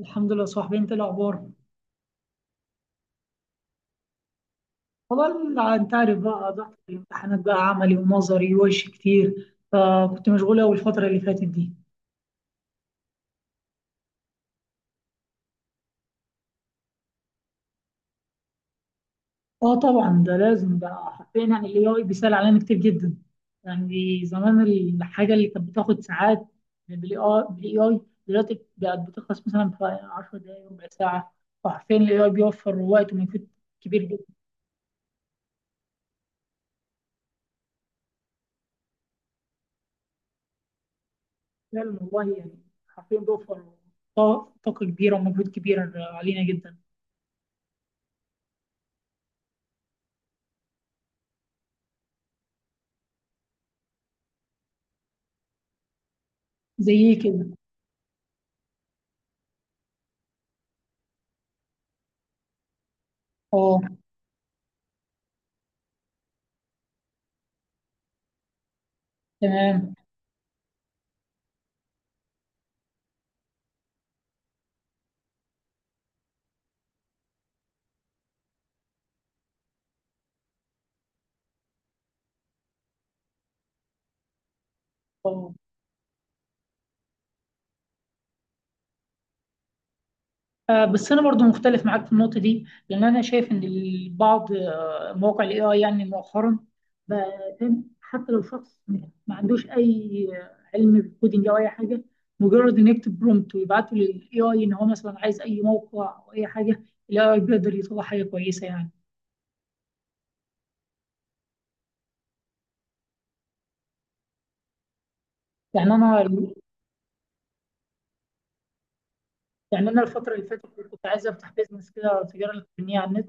الحمد لله، صاحبي. انت إيه الاخبار؟ والله، انت عارف بقى ضغط الامتحانات بقى عملي ونظري ووش كتير، فكنت مشغول قوي الفتره اللي فاتت دي. اه، طبعا، ده لازم بقى، حرفيا يعني الاي اي بيسهل علينا كتير جدا. يعني زمان الحاجه اللي كانت بتاخد ساعات بالاي اي دلوقتي بقت بتخلص مثلا في 10 دقائق ربع ساعه. فحرفيا الاي اي بيوفر وقت ومجهود كبير جدا. فعلا والله يعني حرفيا بيوفر طاقة كبيره ومجهود كبير علينا جدا. زي ايه كده؟ اه. تمام. اه. بس انا برضو مختلف معاك في النقطه دي، لان انا شايف ان البعض، مواقع الاي اي يعني مؤخرا بقى فاهم، حتى لو شخص ما عندوش اي علم بالكودينج او اي حاجه، مجرد ان يكتب برومبت ويبعته للاي اي ان هو مثلا عايز اي موقع او اي حاجه، الاي اي بيقدر يطلع حاجه كويسه يعني. يعني انا يعني انا الفتره اللي فاتت كنت عايز افتح بيزنس كده، تجاره الكترونيه على النت،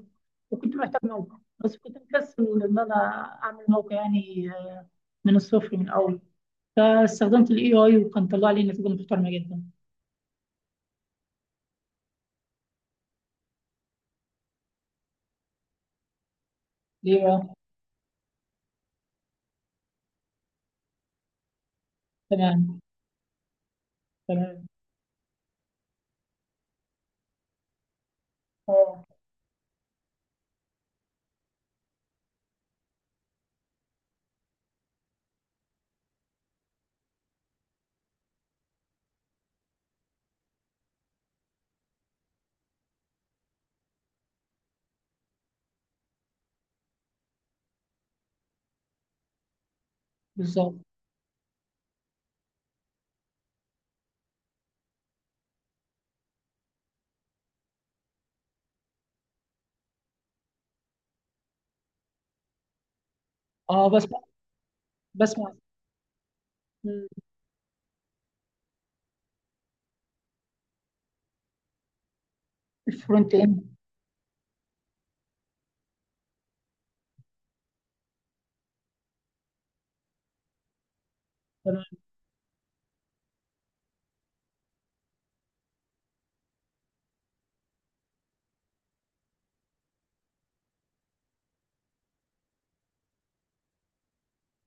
وكنت محتاج موقع، بس كنت مكسل ان انا اعمل موقع يعني من الصفر من الاول، فاستخدمت الاي اي وكان طلع لي نتيجه محترمه جدا. ليه بقى؟ تمام. تمام. اه. بالظبط. اه. بسمع. بسمع. مم. الفرونت اند. تمام.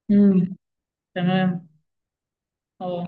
مم. تمام. اه.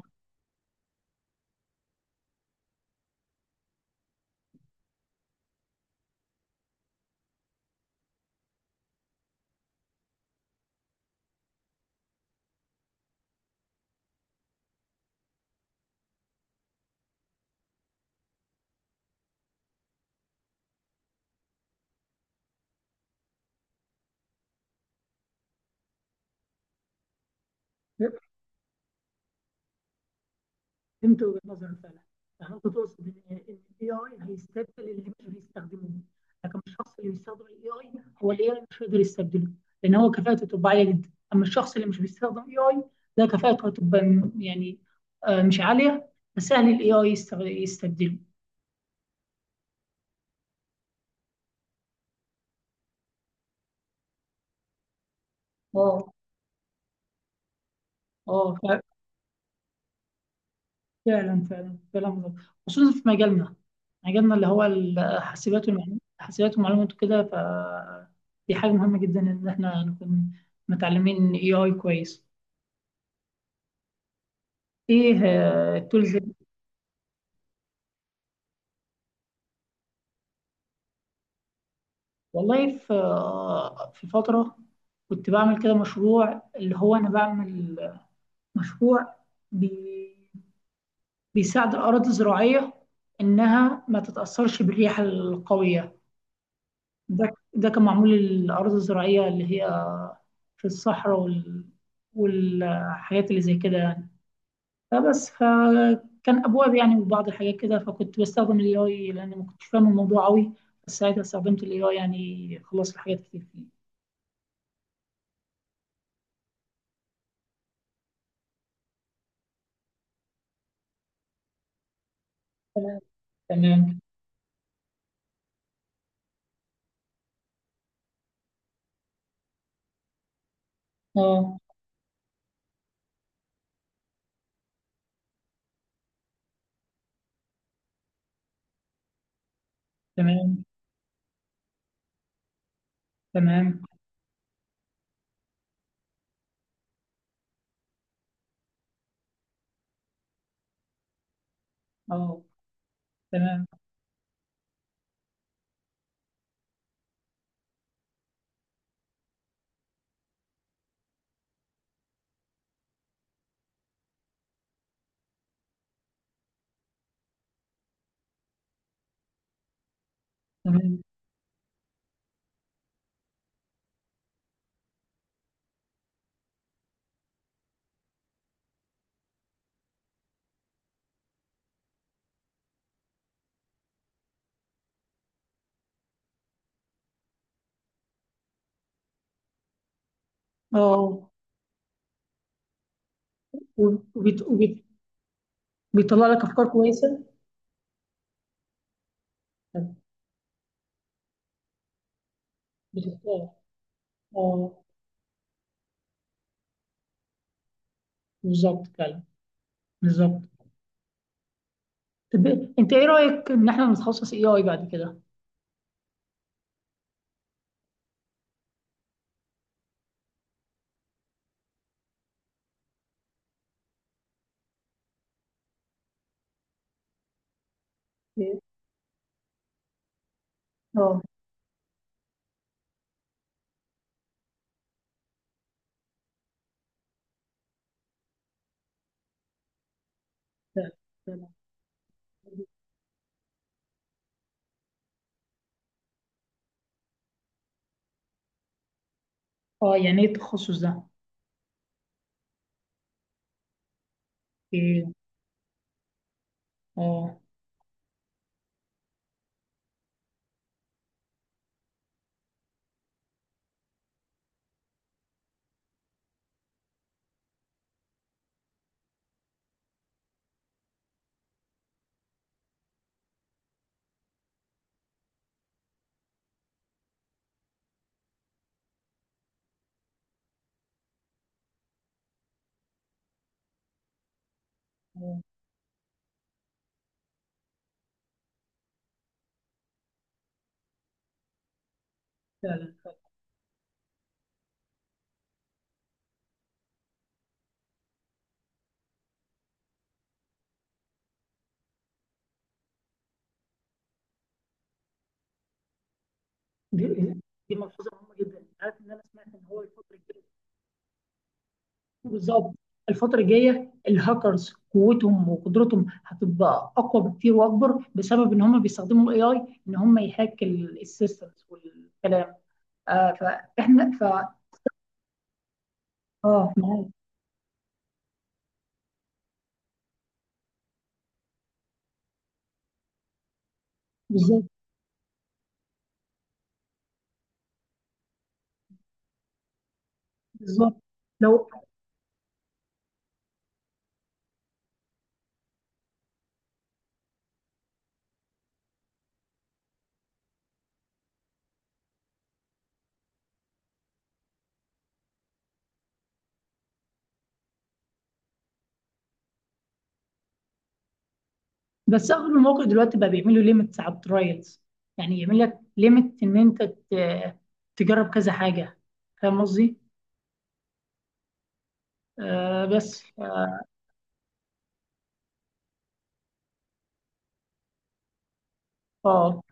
فهمت وجهة نظرك فعلا. يعني انت تقصد ان الاي اي هيستبدل اللي مش بيستخدموه، لكن الشخص اللي بيستخدم الاي اي، هو الاي اي مش هيقدر يستبدله، لان هو كفاءته تبقى عاليه جدا، اما الشخص اللي مش بيستخدم اي اي ده، كفاءته هتبقى يعني مش عاليه، فسهل الاي اي يستبدله. اه. اه. فعلا، فعلا، كلام مظبوط، خصوصا في مجالنا، مجالنا اللي هو الحاسبات والمعلومات، الحاسبات والمعلومات وكده. دي حاجة مهمة جدا إن إحنا نكون متعلمين اي اي كويس. إيه التولز دي؟ والله، في فترة كنت بعمل كده مشروع، اللي هو أنا بعمل مشروع بي بيساعد الأراضي الزراعية إنها ما تتأثرش بالرياح القوية. ده كان معمول للأراضي الزراعية اللي هي في الصحراء والحاجات اللي زي كده يعني. فبس فكان ابواب يعني وبعض الحاجات كده، فكنت بستخدم الاي اي لان ما كنتش فاهم الموضوع قوي، بس ساعتها استخدمت الاي اي يعني خلصت حاجات كتير فيه. تمام. تمام. اه. تمام. تمام. اه. تمام. تمام. اه. وبيت... وبيت... بيطلع لك افكار كويسه. بتختار. اه. بالظبط، فعلا، بالظبط. طب، انت ايه رايك ان احنا نتخصص اي اي بعد كده؟ إيه؟ اه. فعلا. فعلا. اه. يعني ايه التخصص ده؟ ايه. اه. اه. فعلا، فعلا. دي دي ملحوظه مهمه جدا. عارف ان انا سمعت ان هو الفتره الجايه. بالظبط. الفتره الجايه الهاكرز قوتهم وقدرتهم هتبقى اقوى بكتير واكبر، بسبب ان هم بيستخدموا الاي اي، ان هم يهاك السيستمز والكلام. آه. فاحنا اه، معاك. بالظبط. بالظبط. لو بس اغلب المواقع دلوقتي بقى بيعملوا ليميتس على الترايلز. يعني يعمل لك ليميت ان انت تجرب كذا حاجه. فاهم قصدي؟ آه، بس اه. آه،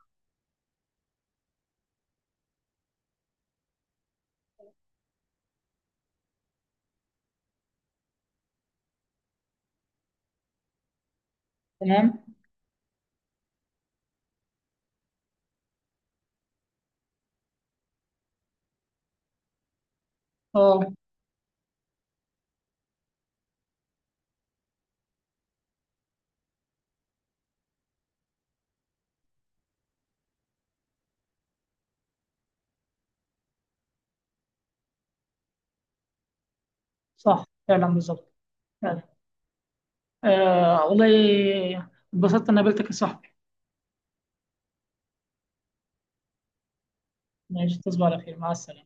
تمام. اه. صح، فعلا، بالظبط، فعلا. آه والله، اتبسطت ان قابلتك يا صاحبي. ماشي، تصبح على خير، مع السلامه.